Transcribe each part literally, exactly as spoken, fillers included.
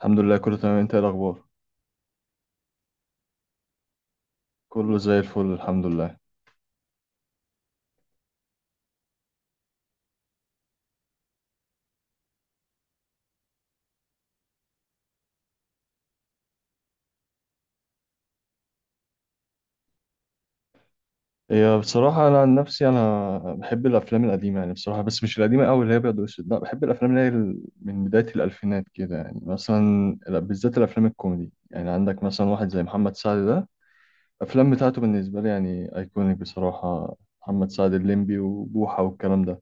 الحمد لله، كله تمام. انت ايه الاخبار؟ كله زي الفل، الحمد لله. هي بصراحه انا عن نفسي انا بحب الافلام القديمه يعني بصراحه، بس مش القديمه قوي اللي هي ابيض واسود. لا، بحب الافلام اللي هي ال- من بدايه الالفينات كده، يعني مثلا ال- بالذات الافلام الكوميدي. يعني عندك مثلا واحد زي محمد سعد ده، الافلام بتاعته بالنسبه لي يعني ايكونيك بصراحه. محمد سعد، الليمبي وبوحه والكلام ده.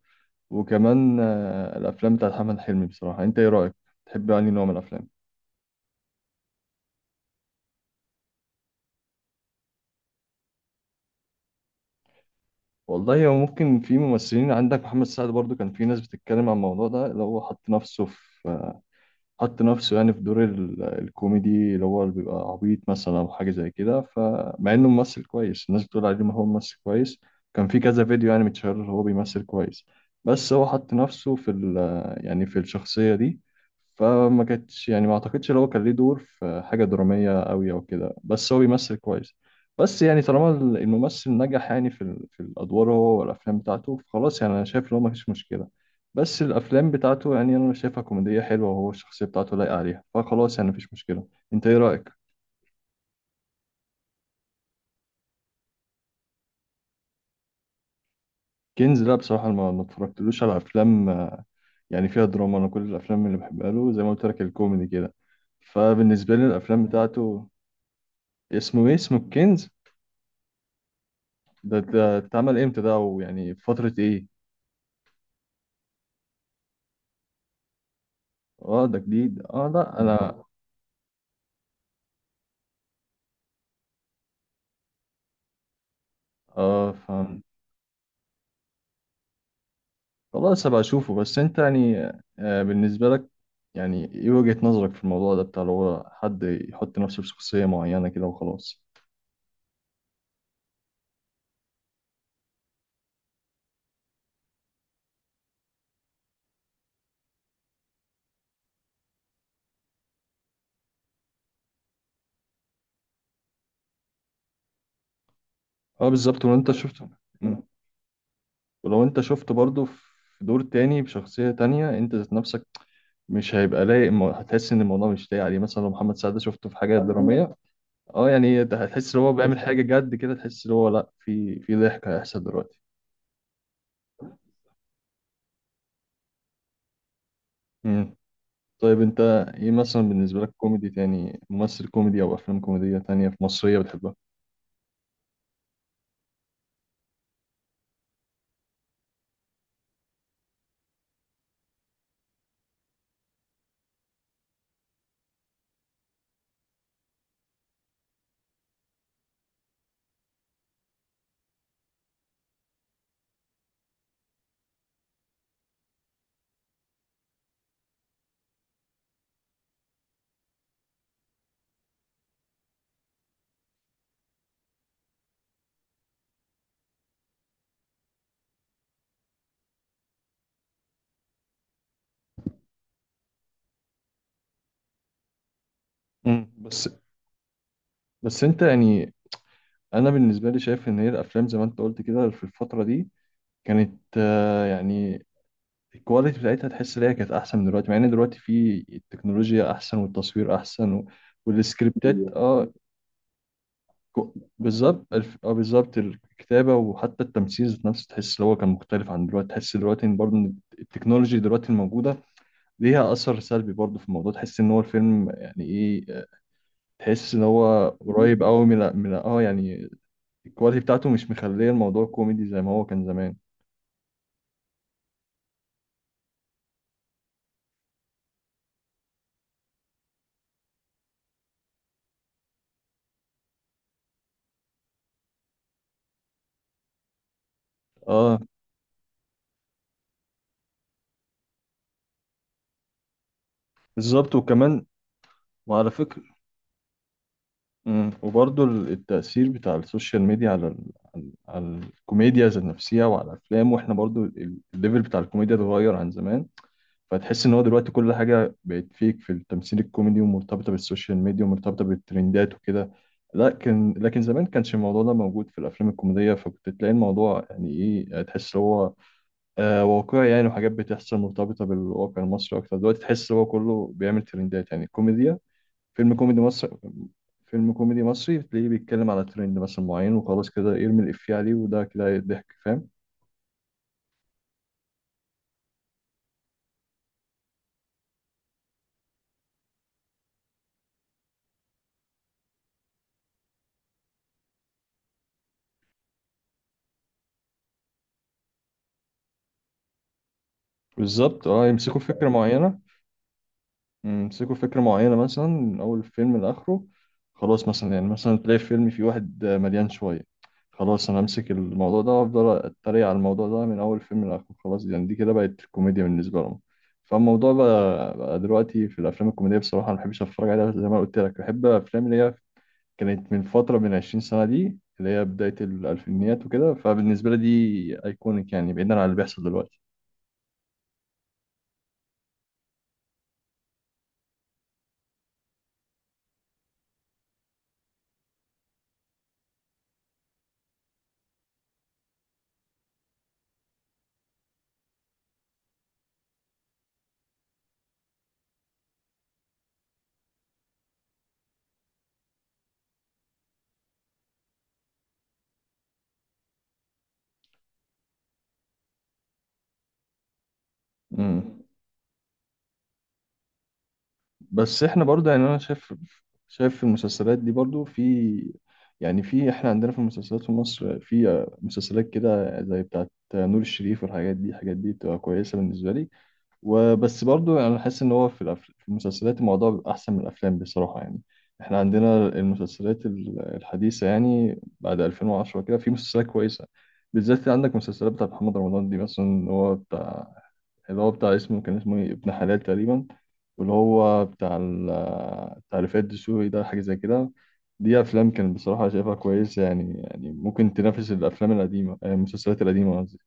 وكمان آه، الافلام بتاعت محمد حلمي بصراحه. انت ايه رايك؟ تحب يعني نوع من الافلام؟ والله هو ممكن في ممثلين، عندك محمد سعد برضو كان في ناس بتتكلم عن الموضوع ده اللي هو حط نفسه في حط نفسه يعني في دور ال- الكوميدي اللي هو اللي بيبقى عبيط مثلا او حاجه زي كده. فمع انه ممثل كويس، الناس بتقول عليه ما هو ممثل كويس. كان في كذا فيديو يعني متشهر هو بيمثل كويس. بس هو حط نفسه في ال يعني في الشخصيه دي. فما كانتش يعني ما اعتقدش ان هو كان ليه دور في حاجه دراميه قوي او كده، بس هو بيمثل كويس. بس يعني طالما الممثل نجح يعني في ال- في الادوار هو والافلام بتاعته، فخلاص يعني انا شايف ان هو ما فيش مشكله. بس الافلام بتاعته يعني انا شايفها كوميديه حلوه، وهو الشخصيه بتاعته لايقه عليها، فخلاص يعني مفيش مشكله. انت ايه رايك؟ كنز؟ لا بصراحه ما ما اتفرجتلوش على افلام آه، يعني فيها دراما. انا كل الافلام اللي بحبها له زي ما قلت لك الكوميدي كده، فبالنسبه لي الافلام بتاعته. اسمه ايه؟ اسمه الكنز؟ ده ده اتعمل امتى ده؟ ويعني في فتره ايه؟ اه ده جديد. اه لا انا. اه فهمت. خلاص هبقى اشوفه. بس انت يعني آه، بالنسبة لك، يعني ايه وجهة نظرك في الموضوع ده بتاع اللي هو حد يحط نفسه في شخصية معينة كده وخلاص؟ اه بالظبط. ولو انت شفته. مم. ولو انت شفته برضه في دور تاني بشخصية تانية، انت ذات نفسك مش هيبقى لايق. مو- هتحس ان الموضوع مش لايق عليه، مثلا لو محمد سعد شفته في حاجة درامية، اه يعني ده هتحس ان هو بيعمل حاجة جد كده. تحس ان هو لا، في في ضحك هيحصل دلوقتي. طيب انت ايه مثلا بالنسبة لك كوميدي تاني، ممثل كوميدي او افلام كوميدية تانية في مصرية بتحبها؟ امم بس بس انت يعني، انا بالنسبة لي شايف ان هي الافلام زي ما انت قلت كده في الفترة دي كانت آه، يعني الكواليتي بتاعتها تحس ان هي كانت احسن من دلوقتي، مع ان دلوقتي في التكنولوجيا احسن والتصوير احسن و... والسكريبتات اه. كو- بالظبط الف... اه بالظبط الكتابة، وحتى التمثيل ذات نفسه تحس ان هو كان مختلف عن دلوقتي. تحس دلوقتي ان برضه ان التكنولوجي دلوقتي الموجودة ليها أثر سلبي برضه في الموضوع. تحس إن هو الفيلم يعني إيه، تحس إن هو قريب أوي من من آه يعني الكواليتي بتاعته مش مخلية الموضوع كوميدي زي ما هو كان زمان. آه بالظبط. وكمان وعلى فكرة. مم. وبرضه ال- التأثير بتاع السوشيال ميديا على ال... على على الكوميديا ذات نفسها وعلى الأفلام. وإحنا برضه ال- الليفل بتاع الكوميديا اتغير عن زمان. فتحس ان هو دلوقتي كل حاجه بقت فيك في التمثيل الكوميدي ومرتبطه بالسوشيال ميديا ومرتبطه بالترندات وكده. لكن لكن زمان كانش الموضوع ده موجود في الافلام الكوميديه، فكنت تلاقي الموضوع يعني ايه، تحس هو آه واقعي يعني، وحاجات بتحصل مرتبطه بالواقع المصري اكتر. دلوقتي تحس هو كله بيعمل ترندات، يعني كوميديا، فيلم كوميدي مصري، فيلم كوميدي مصري تلاقيه بيتكلم على ترند مثلا معين وخلاص كده يرمي الإفيه عليه، وده كده ضحك فاهم. بالظبط اه. يمسكوا فكرة معينة امسكوا فكرة معينة مثلا من أول فيلم لآخره. خلاص مثلا، يعني مثلا تلاقي فيلم فيه واحد مليان شوية، خلاص أنا أمسك الموضوع ده وأفضل أتريق على الموضوع ده من أول فيلم لآخره. خلاص يعني دي كده بقت الكوميديا بالنسبة لهم. فالموضوع بقى, بقى دلوقتي في الأفلام الكوميدية بصراحة ما بحبش أتفرج عليها، زي ما قلت لك بحب الأفلام اللي هي كانت من فترة من عشرين سنة دي اللي هي بداية الألفينيات وكده. فبالنسبة لي دي أيكونيك يعني بعيدا عن اللي بيحصل دلوقتي. بس احنا برضه يعني انا شايف، شايف في المسلسلات دي برضه في، يعني في، احنا عندنا في المسلسلات في مصر في مسلسلات كده زي بتاعت نور الشريف. والحاجات دي الحاجات دي بتبقى كويسة بالنسبة لي. وبس برضه انا حاسس ان هو في الأف- في المسلسلات الموضوع بيبقى احسن من الافلام بصراحة. يعني احنا عندنا المسلسلات ال- الحديثة يعني بعد ألفين وعشرة كده في مسلسلات كويسة، بالذات عندك مسلسلات بتاعت محمد رمضان دي. مثلا هو بتاع، اللي هو بتاع، اسمه كان اسمه إيه؟ ابن حلال تقريبا. واللي هو بتاع ال بتاع رفاعي الدسوقي ده حاجة زي كده. دي أفلام كان بصراحة شايفها كويسة يعني، يعني ممكن تنافس الأفلام القديمة، آه، المسلسلات القديمة قصدي.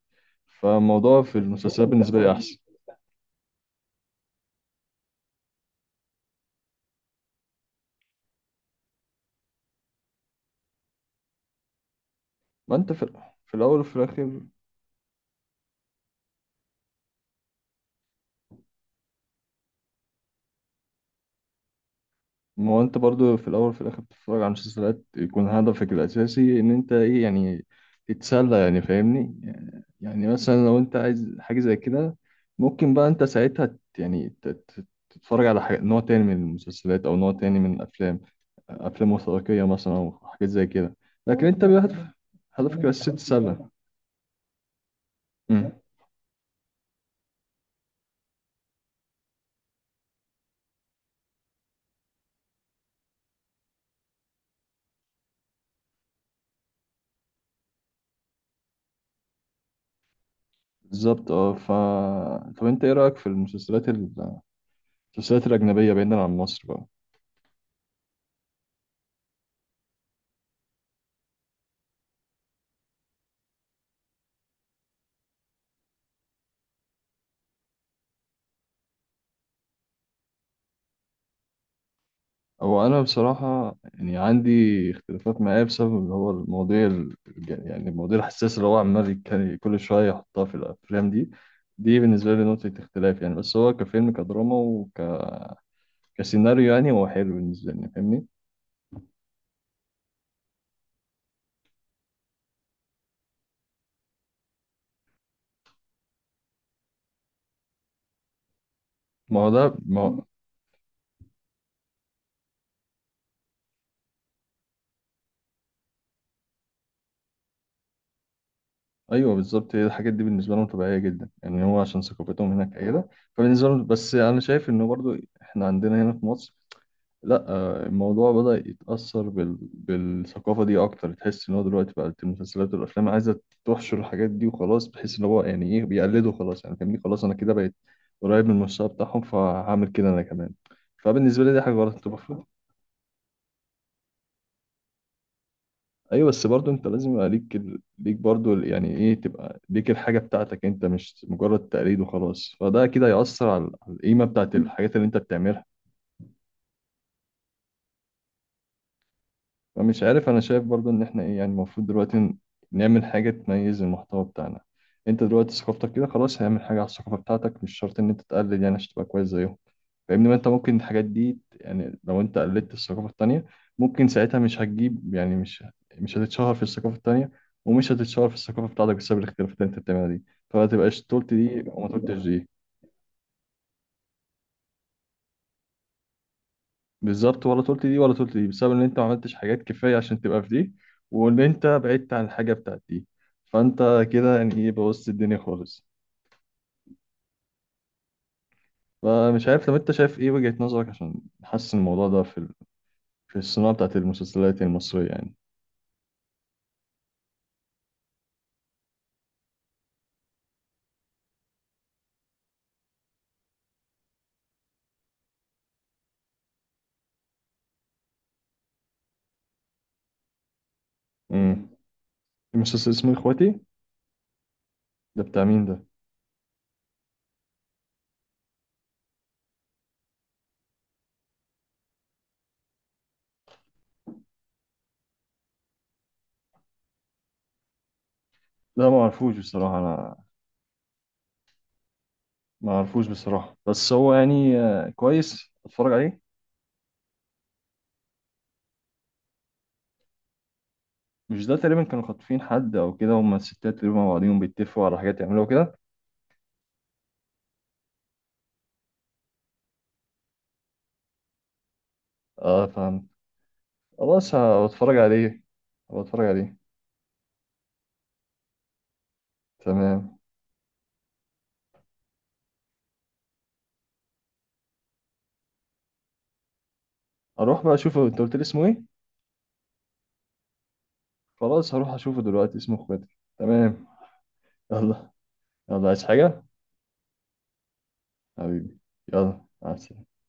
فالموضوع في المسلسلات بالنسبة لي أحسن. ما أنت في, في الأول وفي الآخر، ما هو انت برضو في الاول وفي الاخر بتتفرج على مسلسلات يكون هدفك الاساسي ان انت ايه يعني، تتسلى يعني فاهمني. يعني مثلا لو انت عايز حاجه زي كده، ممكن بقى انت ساعتها ت- يعني ت- ت- تتفرج على حاجة نوع تاني من المسلسلات او نوع تاني من الافلام، افلام وثائقيه مثلا او حاجات زي كده. لكن انت بقى هدف- هدفك الاساسي تتسلى. امم، بالظبط اه. ف طب انت ايه رايك في المسلسلات ال- المسلسلات الاجنبيه بعيدا عن مصر بقى؟ هو أنا بصراحة يعني عندي اختلافات معاه بسبب اللي هو المواضيع ال- يعني المواضيع الحساسة اللي هو عمال يتك- كل شوية يحطها في الأفلام دي. دي بالنسبة لي نقطة اختلاف يعني، بس هو كفيلم كدراما وكسيناريو يعني هو حلو بالنسبة لي فاهمني؟ ما هو ده ما هو أيوه بالظبط. هي الحاجات دي بالنسبة لهم طبيعية جدا، يعني هو عشان ثقافتهم هناك قليلة. فبالنسبة لهم، بس أنا شايف إنه برضو إحنا عندنا هنا في مصر لا، آه، الموضوع بدأ يتأثر بال... بالثقافة دي أكتر. تحس إن هو دلوقتي بقت المسلسلات والأفلام عايزة تحشر الحاجات دي وخلاص، بحيث إن هو يعني إيه بيقلدوا. خلاص يعني فاهمني، خلاص أنا كده بقيت قريب من المستوى بتاعهم فهعمل كده أنا كمان. فبالنسبة لي دي حاجة غلط. أنت المفروض، أيوه، بس برضه أنت لازم يبقى ليك ال... ليك برضه ال- يعني إيه، تبقى ليك الحاجة بتاعتك أنت مش مجرد تقليد وخلاص. فده كده هيأثر على على القيمة بتاعت الحاجات اللي أنت بتعملها. فمش عارف انا شايف برضو ان احنا ايه، يعني المفروض دلوقتي ن- نعمل حاجة تميز المحتوى بتاعنا. انت دلوقتي ثقافتك كده، خلاص هعمل حاجة على الثقافة بتاعتك، مش شرط ان انت تقلد يعني عشان تبقى كويس زيهم فاهمني. ما انت ممكن الحاجات دي يعني لو انت قلدت الثقافة التانية، ممكن ساعتها مش هتجيب يعني مش مش هتتشهر في الثقافة التانية ومش هتتشهر في الثقافة بتاعتك بسبب الاختلافات اللي انت بتعملها دي. فما تبقاش طولت دي وما طولتش دي، بالظبط. ولا طولت دي ولا طولت دي بسبب ان انت ما عملتش حاجات كفايه عشان تبقى في دي، وان انت بعدت عن الحاجه بتاعت دي. فانت كده يعني ايه بوظت الدنيا خالص. فمش عارف لو انت شايف ايه وجهه نظرك عشان نحسن الموضوع ده في ال... في الصناعه بتاعت المسلسلات المصريه يعني. امم المسلسل اسمه اخواتي؟ ده بتاع مين ده؟ لا ما اعرفوش بصراحه انا، ما اعرفوش بصراحه. بس هو يعني آه، كويس اتفرج عليه. مش ده تقريبا كانوا خاطفين حد او كده، هما الستات تقريبا مع بعضيهم بيتفقوا على حاجات يعملوها كده. اه خلاص هتفرج عليه، هتفرج عليه. تمام، اروح بقى اشوفه. انت قلت لي اسمه ايه؟ خلاص هروح اشوفه دلوقتي، اسمه اخواتي. تمام. يلا. يلا عايز حاجة؟ حبيبي. يلا مع السلامة.